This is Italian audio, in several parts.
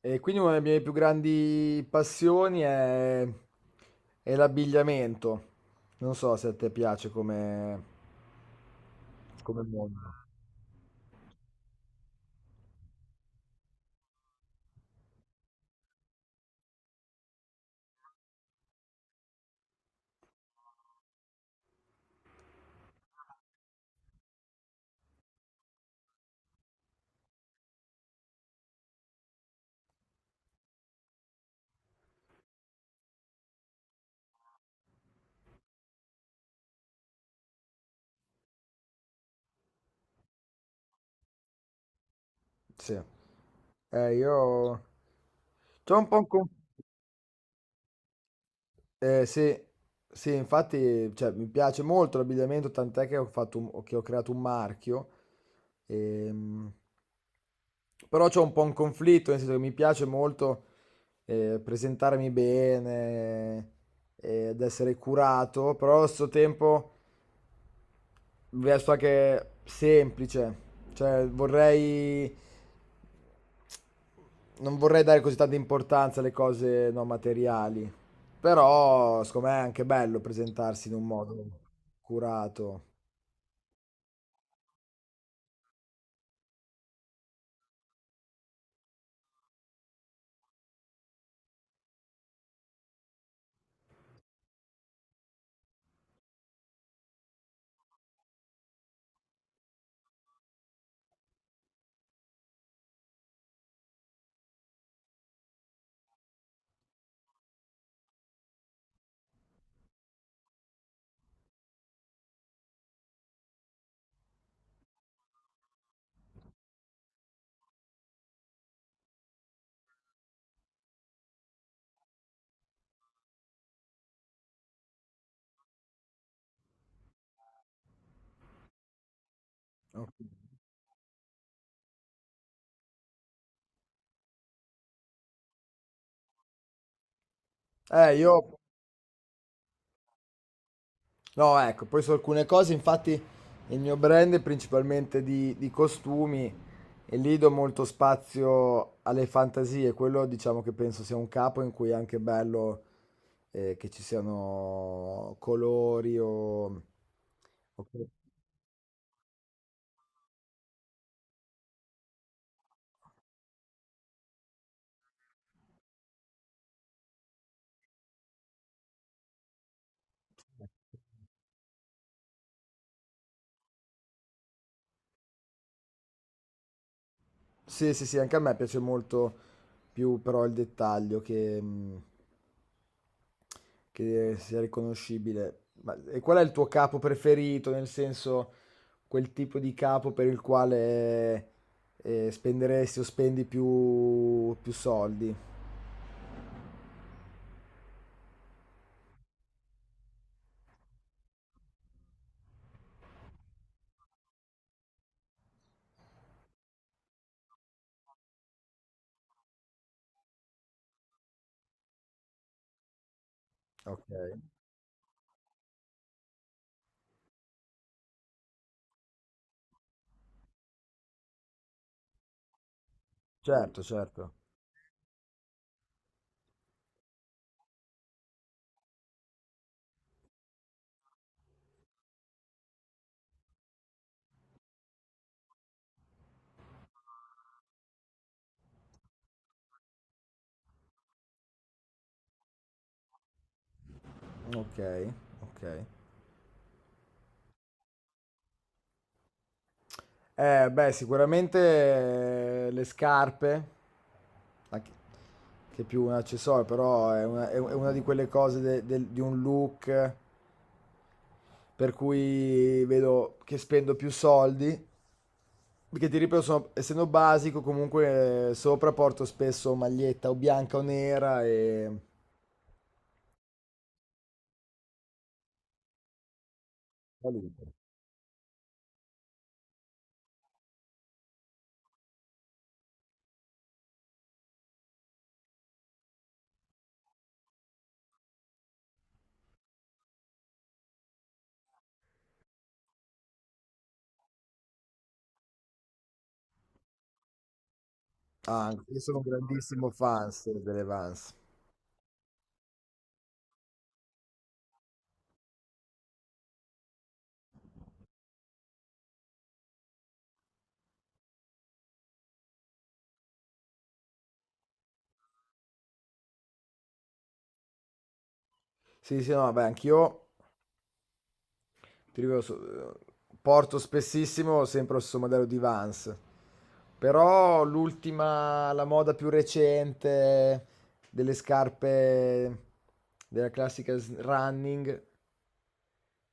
E quindi una delle mie più grandi passioni è l'abbigliamento. Non so se a te piace come mondo. Sì. Io c'ho un po' un con- sì, sì, infatti, cioè, mi piace molto l'abbigliamento, tant'è che che ho creato un marchio. Ehm, Però c'ho un po' un conflitto, nel senso che mi piace molto presentarmi bene, ed essere curato, però allo stesso tempo resto anche semplice. Cioè, vorrei... Non vorrei dare così tanta importanza alle cose non materiali, però secondo me è anche bello presentarsi in un modo curato. Ok. Io No, ecco, poi su alcune cose, infatti, il mio brand è principalmente di costumi e lì do molto spazio alle fantasie. Quello diciamo che penso sia un capo in cui è anche bello che ci siano colori o... o- Sì, sì, sì, anche a me piace molto più però il dettaglio che sia riconoscibile. Ma e qual è il tuo capo preferito? Nel senso, quel tipo di capo per il quale spenderesti o spendi più soldi? Ok, certo, certo. Ok, ok. Beh, sicuramente le scarpe, anche- che è più un accessorio, però è una di quelle cose di un look per cui vedo che spendo più soldi, perché ti ripeto, essendo basico, comunque sopra porto spesso maglietta o bianca o nera e... valuto. Ah, anche io sono un grandissimo fan delle Vans. Sì, sì, no, vabbè, anch'io, ti ripeto, porto spessissimo sempre lo stesso modello di Vans. Però l'ultima, la moda più recente delle scarpe della classica running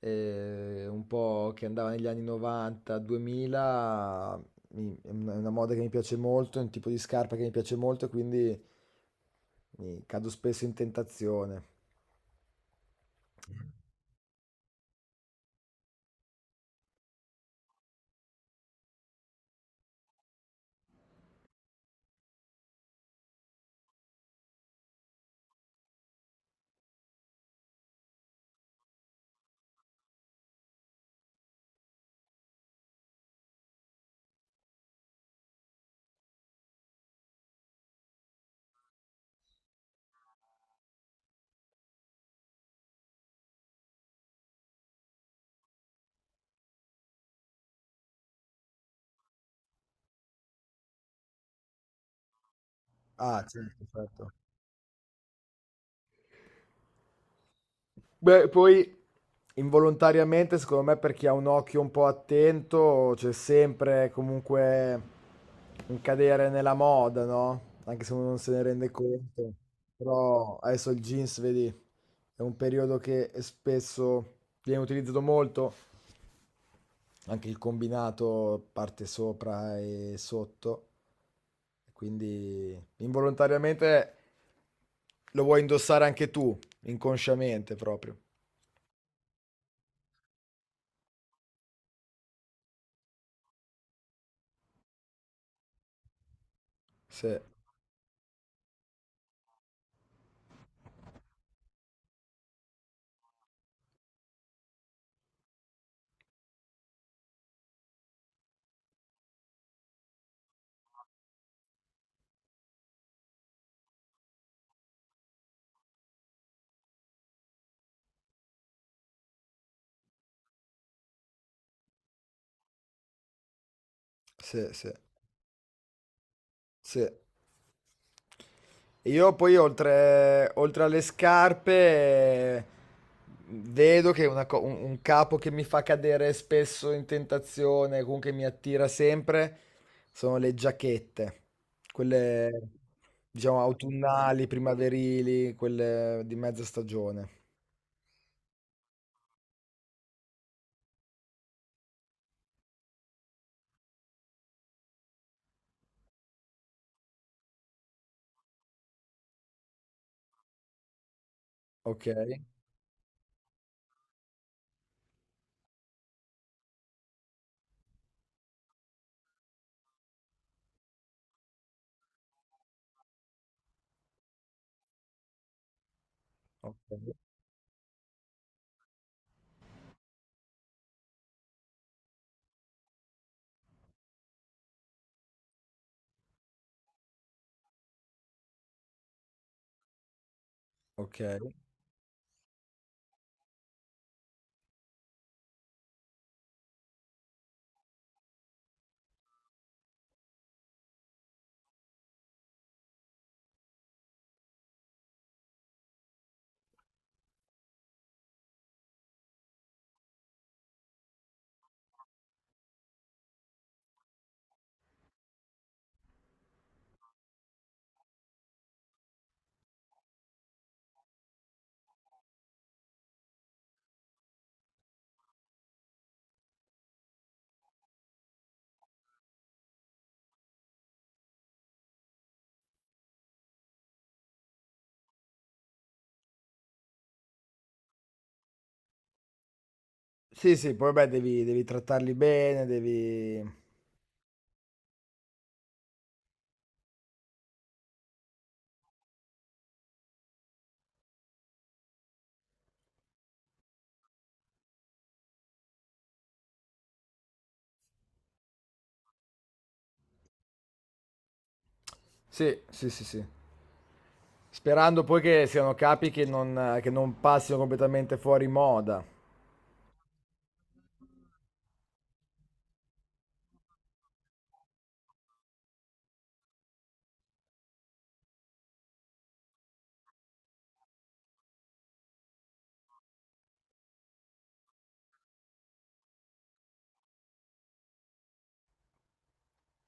un po' che andava negli anni 90, 2000, è una moda che mi piace molto, è un tipo di scarpa che mi piace molto, quindi mi cado spesso in tentazione. Ah, certo, certo. Beh, poi involontariamente, secondo me, per chi ha un occhio un po' attento, c'è sempre comunque un cadere nella moda, no? Anche se uno non se ne rende conto. Però adesso il jeans, vedi, è un periodo che è spesso viene utilizzato molto, anche il combinato parte sopra e sotto. Quindi involontariamente lo vuoi indossare anche tu, inconsciamente proprio. Sì, sì, sì, sì. E io poi oltre alle scarpe eh, vedo che un capo che mi fa cadere spesso in tentazione, comunque mi attira sempre, sono le giacchette, quelle diciamo autunnali, primaverili, quelle di mezza stagione. Ok, ok, ok. Sì, sì, poi beh, devi trattarli bene, devi... Sì, sì, sì, sì. Sperando poi che siano capi che non passino completamente fuori moda.